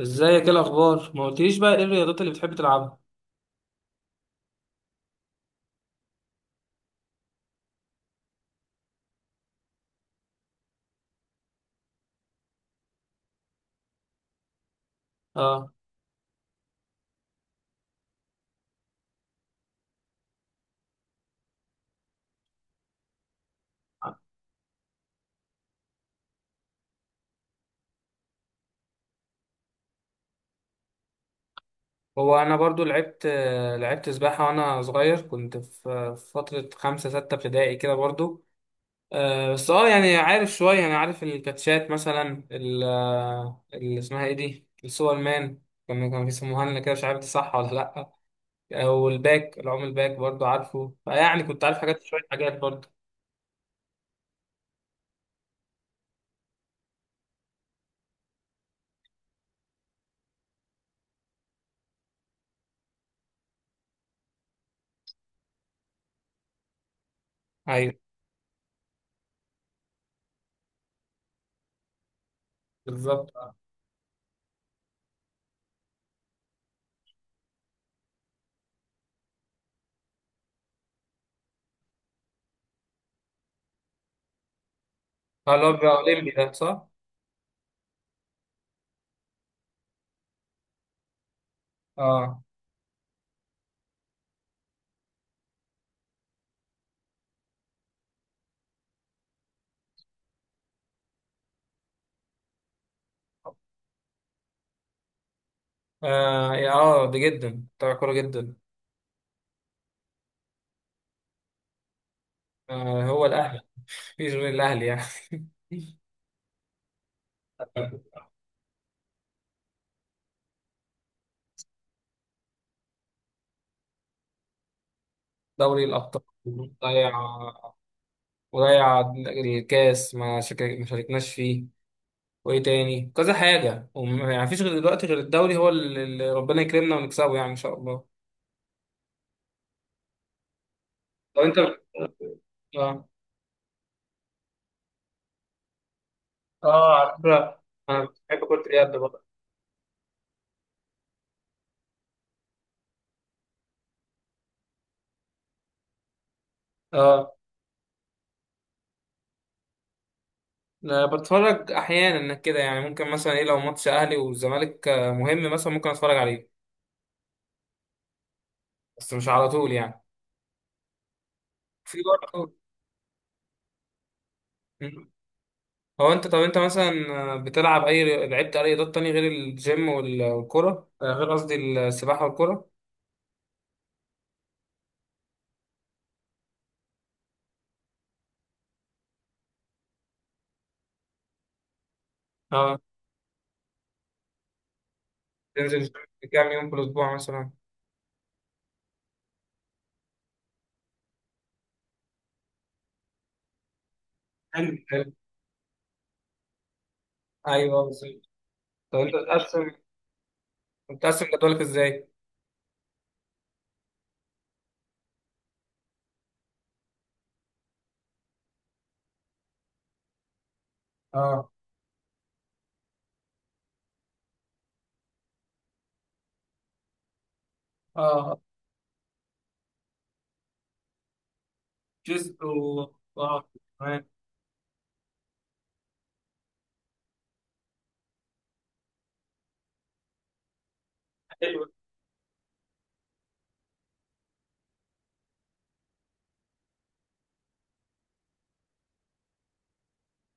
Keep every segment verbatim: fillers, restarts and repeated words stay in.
ازيك؟ ايه الاخبار؟ ما قلتليش بقى ايه الرياضات اللي بتحب تلعبها؟ اه هو انا برضو لعبت لعبت سباحه وانا صغير، كنت في في فتره خمسة ستة ابتدائي كده برضو. آه، بس اه يعني عارف شويه، انا عارف الكاتشات مثلا ال- آه، اللي اسمها ايه دي السوبر مان، كانوا كانوا بيسموها لنا كده مش عارف دي صح ولا لا. او الباك، العوم الباك برضو عارفه، فيعني كنت عارف حاجات شويه حاجات برضو. ايوه بالظبط، اه، اللي هو بيبقى اولمبي ده صح؟ اه اه، يا- آه، ده جدا بتاع كوره جدا. آه هو الاهلي، مفيش غير الاهلي يعني. دوري الابطال، ضيع، وضيع الكاس، ما شك- ما شاركناش فيه، وايه تاني كذا حاجه وم- يعني مفيش غير دلوقتي غير الدوري، هو اللي اللي ربنا يكرمنا ونكسبه يعني ان شاء الله. لو انت، اه. اه، على فكرة انا بحب كرة اليد برضه. اه، أنا بتفرج احيانا كده، يعني ممكن مثلا ايه لو ماتش اهلي والزمالك آه، مهم مثلا ممكن اتفرج عليه. بس مش على طول يعني، في برضه. مم. هو انت، طب انت مثلا بتلعب اي ري- لعبت اي رياضات تانية غير الجيم وال- والكرة، آه، غير قصدي السباحة والكرة. اه، تنزل الجيم كام يوم في الاسبوع مثلا؟ حلو حلو، ايوه بالظبط. طب انت بتقسم بتقسم جدولك ازاي؟ اه، اه، جزء و اه، تمام.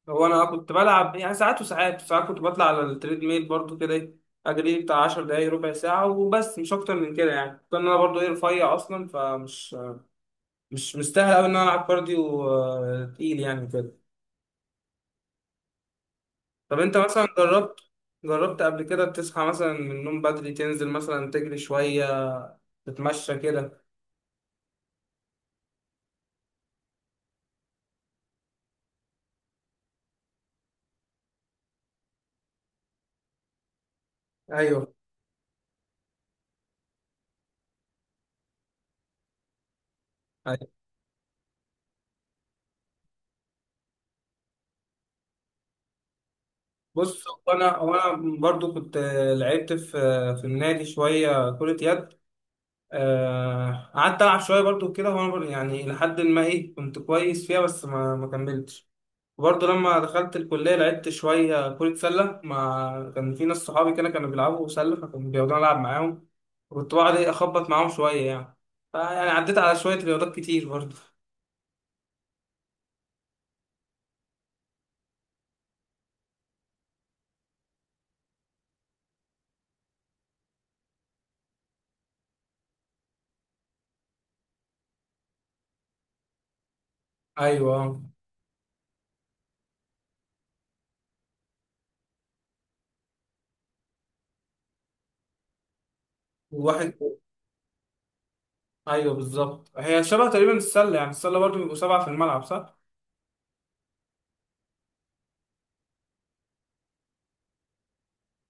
هو انا كنت بلعب يعني ساعات وساعات ساعات، كنت بطلع على التريد ميل برضو كده، إيه، اجري بتاع 10 دقايق ربع ساعه وبس مش اكتر من كده يعني. كنت انا برضو ايه رفيع اصلا، فمش مش مستاهل قوي ان انا العب كارديو آه، تقيل يعني كده. طب انت مثلا جربت جربت قبل كده تصحى مثلا من النوم بدري تنزل مثلا تجري شويه، تتمشى كده؟ ايوه، أيوة. بص هو انا هو انا برضو كنت آه، لعبت في آه، في النادي شويه كره يد. آه، قعدت ألعب شوية برضو كده، وأنا بر- يعني لحد ما إيه كنت كويس فيها، بس ما ما كملتش. وبرضه لما دخلت الكلية لعبت شوية كرة سلة، مع كان في ناس صحابي كده كانوا بيلعبوا سلة، فكانوا بيقعدوا ألعب معاهم، وكنت بقعد إيه أخبط معاهم شوية يعني، فيعني عديت على شوية رياضات كتير برضه. أيوه، الواحد. أيوه بالظبط، هي شبه تقريبا السلة، يعني السلة برضه بيبقوا سبعة في الملعب صح؟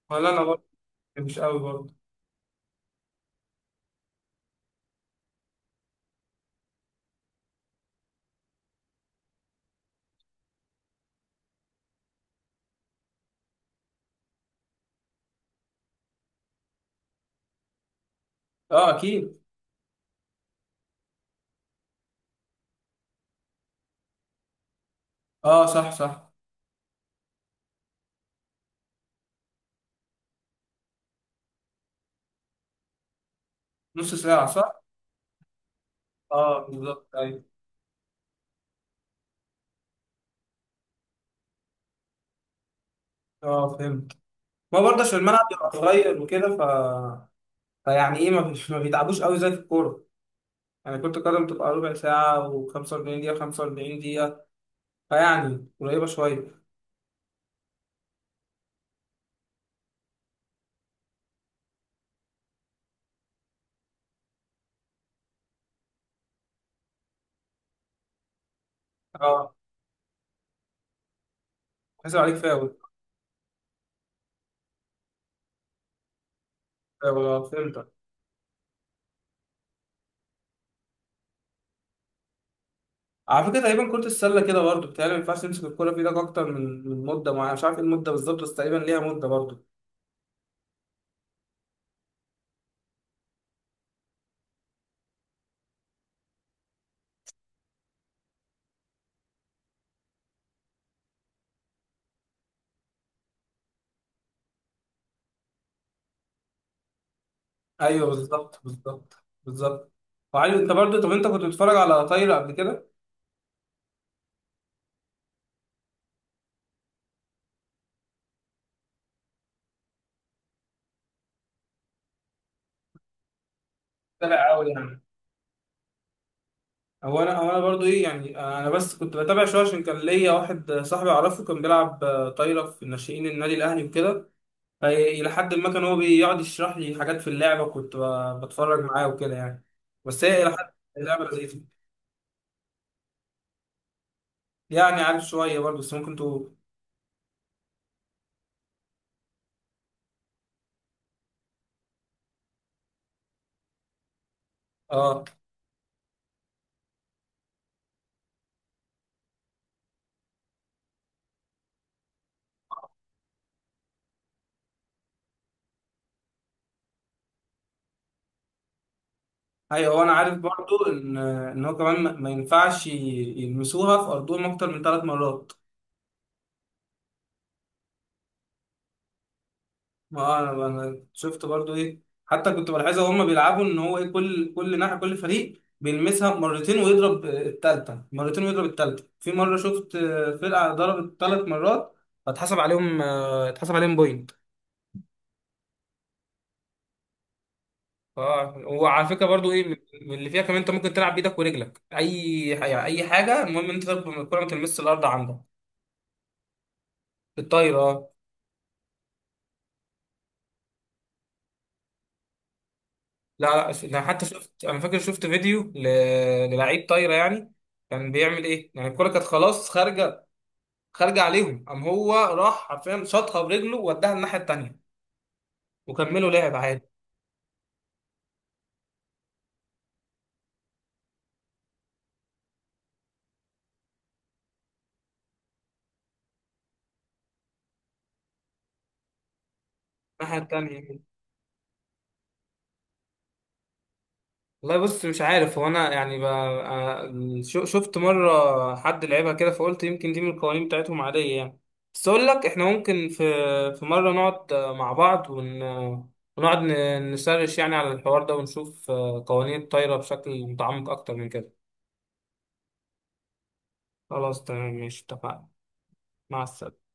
ولا أنا برضه، مش قوي برضه. أه أكيد. أه صح صح. نص ساعة صح؟ أه بالظبط، أيوة. اه فهمت، ما برضه عشان الملعب بيبقى صغير وكده ف... فيعني ايه ما, بيش... ما بيتعبوش قوي زي في الكوره، يعني كرة القدم بتبقى ربع ساعة و45 دقيقة، 45 دقيقة فيعني قريبة شوية. اه، حسب عليك فاول. فاول، اه فهمتك. على فكرة تقريبا كرة السلة كده برضه بتهيألي ما ينفعش تمسك الكورة في ايدك أكتر من من مدة معينة، مش عارف ايه المدة بالظبط، بس تقريبا ليها مدة برضه. أيوه بالظبط، بالظبط بالظبط. وعلي، أنت برضه، طب أنت كنت بتتفرج على طايرة قبل كده؟ طلع قوي يعني. هو انا هو انا برضو ايه يعني انا بس كنت بتابع شويه عشان كان ليا واحد صاحبي اعرفه كان بيلعب آه، طايره في ناشئين النادي الاهلي وكده. فإيه الى حد ما كان هو بيقعد يشرح لي حاجات في اللعبه، كنت ب- بتفرج معاه وكده يعني، بس هي الى حد اللعبه لذيذه. يعني عارف شويه برضو، بس ممكن تقول. اه، ايوه، هو انا عارف برضو ان ان هو كمان ما ما ينفعش ي- يلمسوها في ارضهم اكتر من ثلاث مرات. ما هو انا انا شفت برضو ايه حتى كنت بلاحظها وهم بيلعبوا ان هو ايه كل كل ناحيه، كل فريق بيلمسها مرتين ويضرب الثالثه، مرتين ويضرب الثالثه. في مره شفت آه، فرقه ضربت ثلاث مرات، فاتحسب عليهم آه، اتحسب عليهم بوينت. اه، وعلى فكره برضو ايه من اللي فيها كمان انت ممكن تلعب بايدك ورجلك، اي يعني اي حاجه، المهم انت تضرب الكره ما تلمسش الارض عندك. الطايره آه. لا لا، انا حتى شفت، انا فاكر شفت فيديو ل- للعيب طايره يعني، كان بيعمل ايه يعني، الكرة كانت خلاص خارجة، خارجه عليهم، قام هو راح حرفيا شاطها برجله ووداها الناحيه التانيه وكملوا لعب عادي. الناحيه التانيه. والله، بص مش عارف، هو انا يعني ب... آه، شو- شفت مره حد لعبها كده، فقلت يمكن دي من القوانين بتاعتهم عاديه يعني. بس اقول لك احنا ممكن في في مره نقعد آه، مع بعض ون... آه، ونقعد ن- نسرش يعني على الحوار ده ونشوف آه، قوانين الطايره بشكل متعمق اكتر من كده. خلاص تمام، ماشي اتفقنا. مع السلامه.